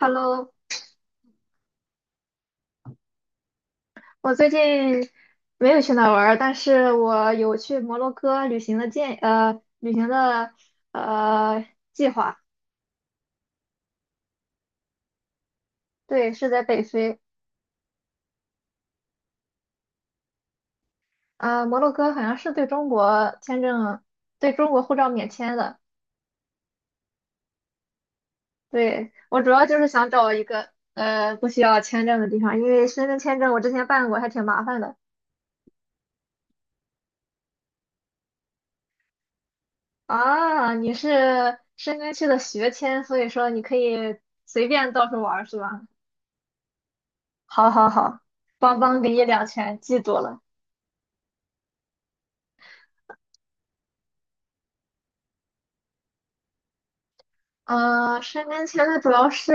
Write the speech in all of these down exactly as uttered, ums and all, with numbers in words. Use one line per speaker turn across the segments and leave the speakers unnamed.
Hello，我最近没有去哪儿玩儿，但是我有去摩洛哥旅行的建呃旅行的呃计划。对，是在北非。呃，摩洛哥好像是对中国签证，对中国护照免签的。对，我主要就是想找一个呃不需要签证的地方，因为申根签证我之前办过，还挺麻烦的。啊，你是申根区的学签，所以说你可以随便到处玩儿是吧？好好好，邦邦给你两拳，记住了。呃，申根签它主要是，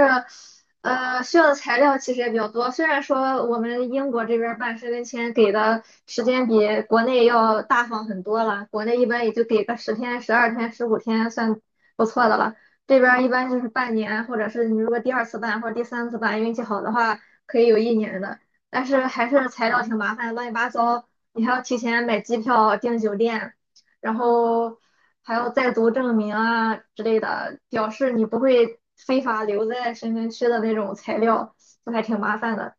呃，需要的材料其实也比较多。虽然说我们英国这边儿办申根签给的时间比国内要大方很多了，国内一般也就给个十天、十二天、十五天算不错的了。这边儿一般就是半年，或者是你如果第二次办或者第三次办，运气好的话可以有一年的。但是还是材料挺麻烦，乱七八糟，你还要提前买机票、订酒店。然后还有在读证明啊之类的，表示你不会非法留在深圳区的那种材料，就还挺麻烦的。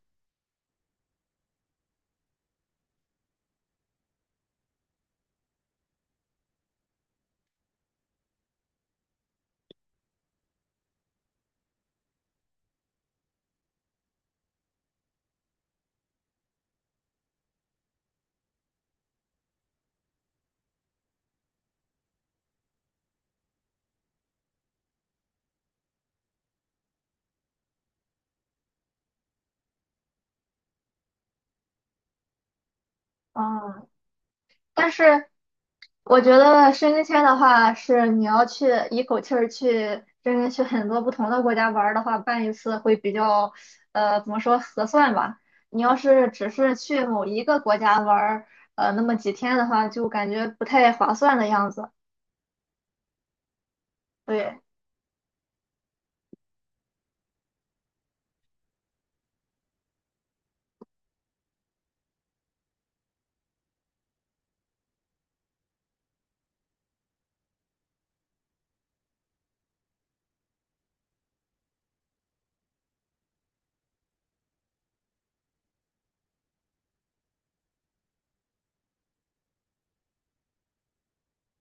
嗯，但是我觉得申根签的话，是你要去一口气儿去深圳去很多不同的国家玩儿的话，办一次会比较，呃，怎么说合算吧。你要是只是去某一个国家玩儿，呃，那么几天的话，就感觉不太划算的样子。对。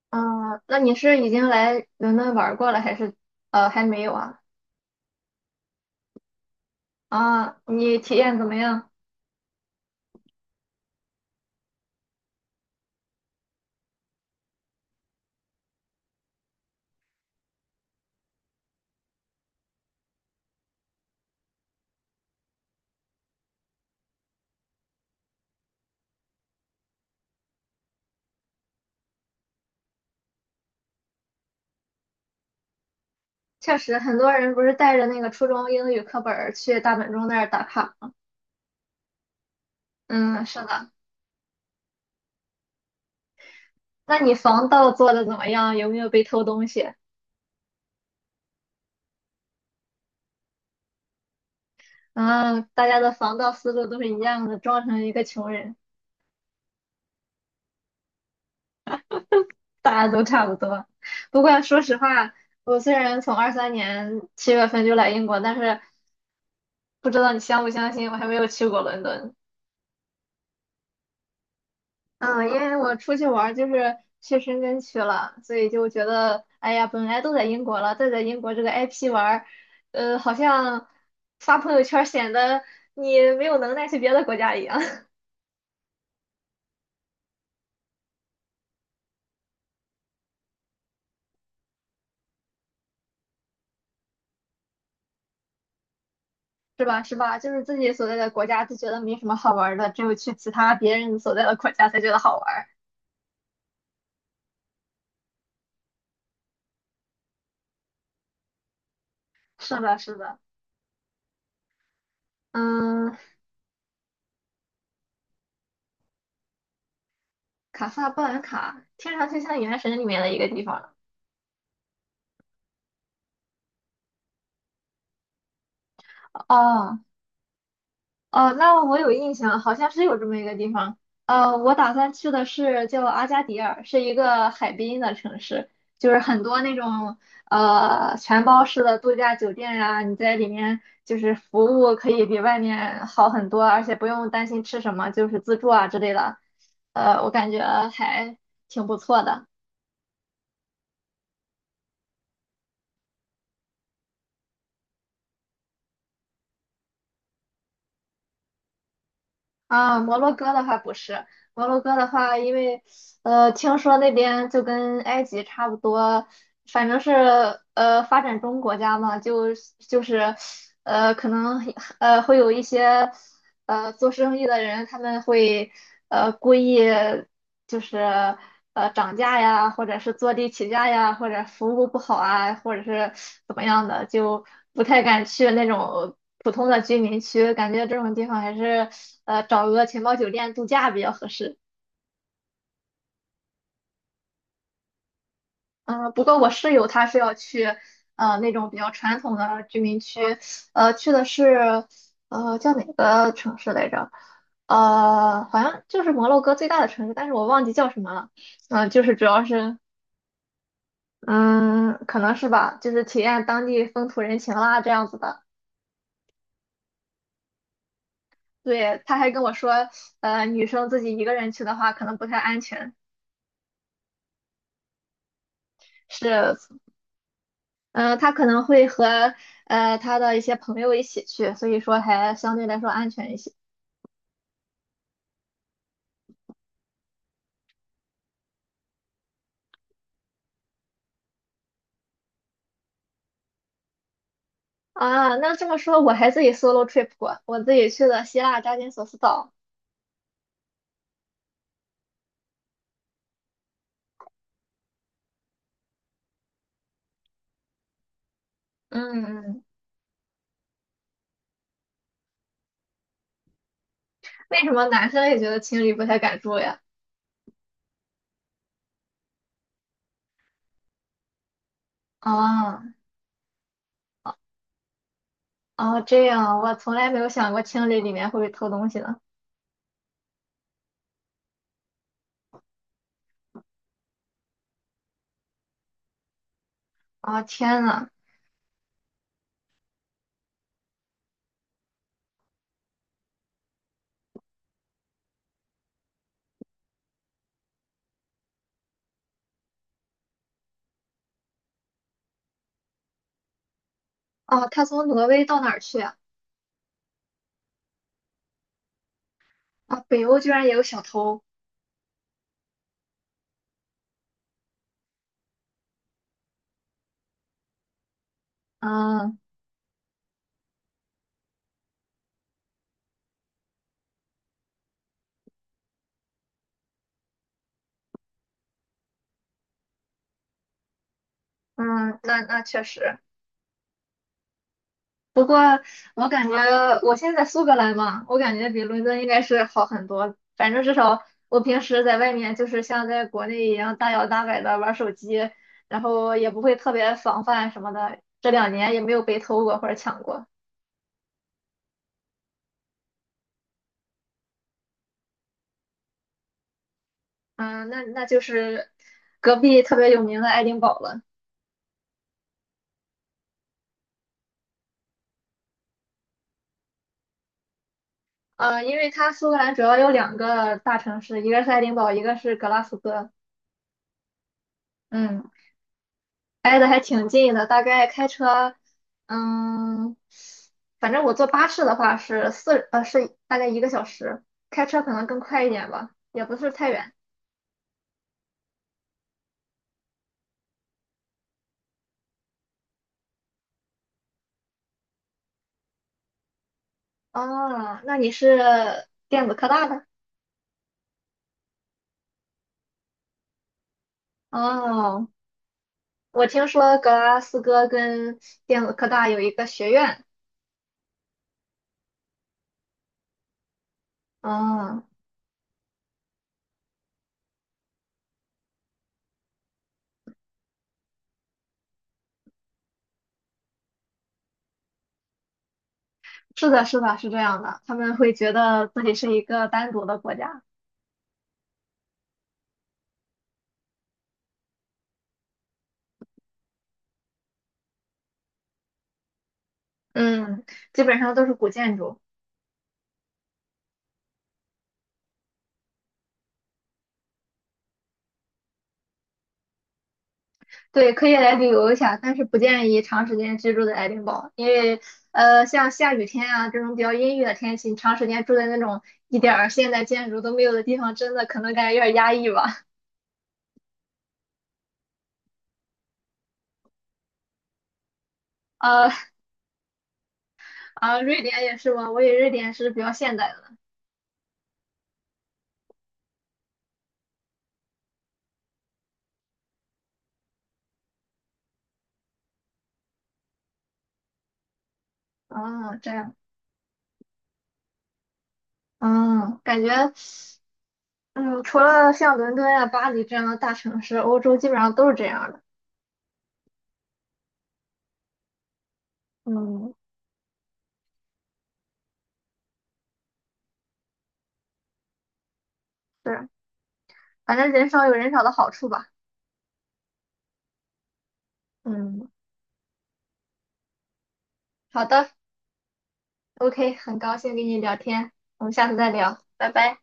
嗯，那你是已经来伦敦玩儿过了，还是呃还没有啊？啊，你体验怎么样？确实，很多人不是带着那个初中英语课本儿去大本钟那儿打卡。嗯，是的。那你防盗做的怎么样？有没有被偷东西？嗯，大家的防盗思路都是一样的，装成一个穷人，大家都差不多。不过说实话，我虽然从二三年七月份就来英国，但是不知道你相不相信，我还没有去过伦敦。嗯，因为我出去玩儿就是去深圳去了，所以就觉得，哎呀，本来都在英国了，再在英国这个 I P 玩儿，呃，好像发朋友圈儿显得你没有能耐去别的国家一样，是吧？是吧？就是自己所在的国家就觉得没什么好玩儿的，只有去其他别人所在的国家才觉得好玩儿。是的，是的，嗯，卡萨布兰卡听上去像《原神》里面的一个地方哦，哦，那我有印象，好像是有这么一个地方。呃，我打算去的是叫阿加迪尔，是一个海滨的城市，就是很多那种呃全包式的度假酒店呀、你在里面就是服务可以比外面好很多，而且不用担心吃什么，就是自助啊之类的。呃，我感觉还挺不错的。啊，摩洛哥的话不是，摩洛哥的话，因为呃，听说那边就跟埃及差不多，反正是呃发展中国家嘛，就就是呃可能呃会有一些。呃，做生意的人他们会呃故意就是呃涨价呀，或者是坐地起价呀，或者服务不好啊，或者是怎么样的，就不太敢去那种普通的居民区，感觉这种地方还是呃找个钱包酒店度假比较合适。嗯，不过我室友他是要去呃那种比较传统的居民区，呃去的是呃叫哪个城市来着？呃，好像就是摩洛哥最大的城市，但是我忘记叫什么了。嗯、就是主要是，嗯，可能是吧，就是体验当地风土人情啦，这样子的。对，他还跟我说，呃，女生自己一个人去的话，可能不太安全。是，嗯、他可能会和呃他的一些朋友一起去，所以说还相对来说安全一些。啊，那这么说，我还自己 solo trip 过，我自己去了希腊扎金索斯岛。嗯嗯，嗯为什么男生也觉得情侣不太敢住呀？啊。哦，这样啊我从来没有想过清理里面会偷东西呢。啊，天呐！哦，他从挪威到哪儿去啊？啊，北欧居然也有小偷。嗯嗯，那那确实。不过我感觉我现在在苏格兰嘛，我感觉比伦敦应该是好很多。反正至少我平时在外面就是像在国内一样大摇大摆的玩手机，然后也不会特别防范什么的。这两年也没有被偷过或者抢过。嗯，那那就是隔壁特别有名的爱丁堡了。呃，因为它苏格兰主要有两个大城市，一个是爱丁堡，一个是格拉斯哥。嗯，挨得还挺近的，大概开车，嗯，反正我坐巴士的话是四，呃，是大概一个小时，开车可能更快一点吧，也不是太远。哦，那你是电子科大的？哦，我听说格拉斯哥跟电子科大有一个学院。哦，是的，是的，是这样的，他们会觉得自己是一个单独的国家。嗯，基本上都是古建筑。对，可以来旅游一下，但是不建议长时间居住在爱丁堡，因为呃，像下雨天啊这种比较阴郁的天气，你长时间住在那种一点儿现代建筑都没有的地方，真的可能感觉有点压抑吧。呃啊，瑞典也是吗？我以为瑞典是比较现代的。啊，这样，嗯，感觉，嗯，除了像伦敦啊、巴黎这样的大城市，欧洲基本上都是这样的。嗯，是，反正人少有人少的好处吧。嗯，好的。OK，很高兴跟你聊天，我们下次再聊，拜拜。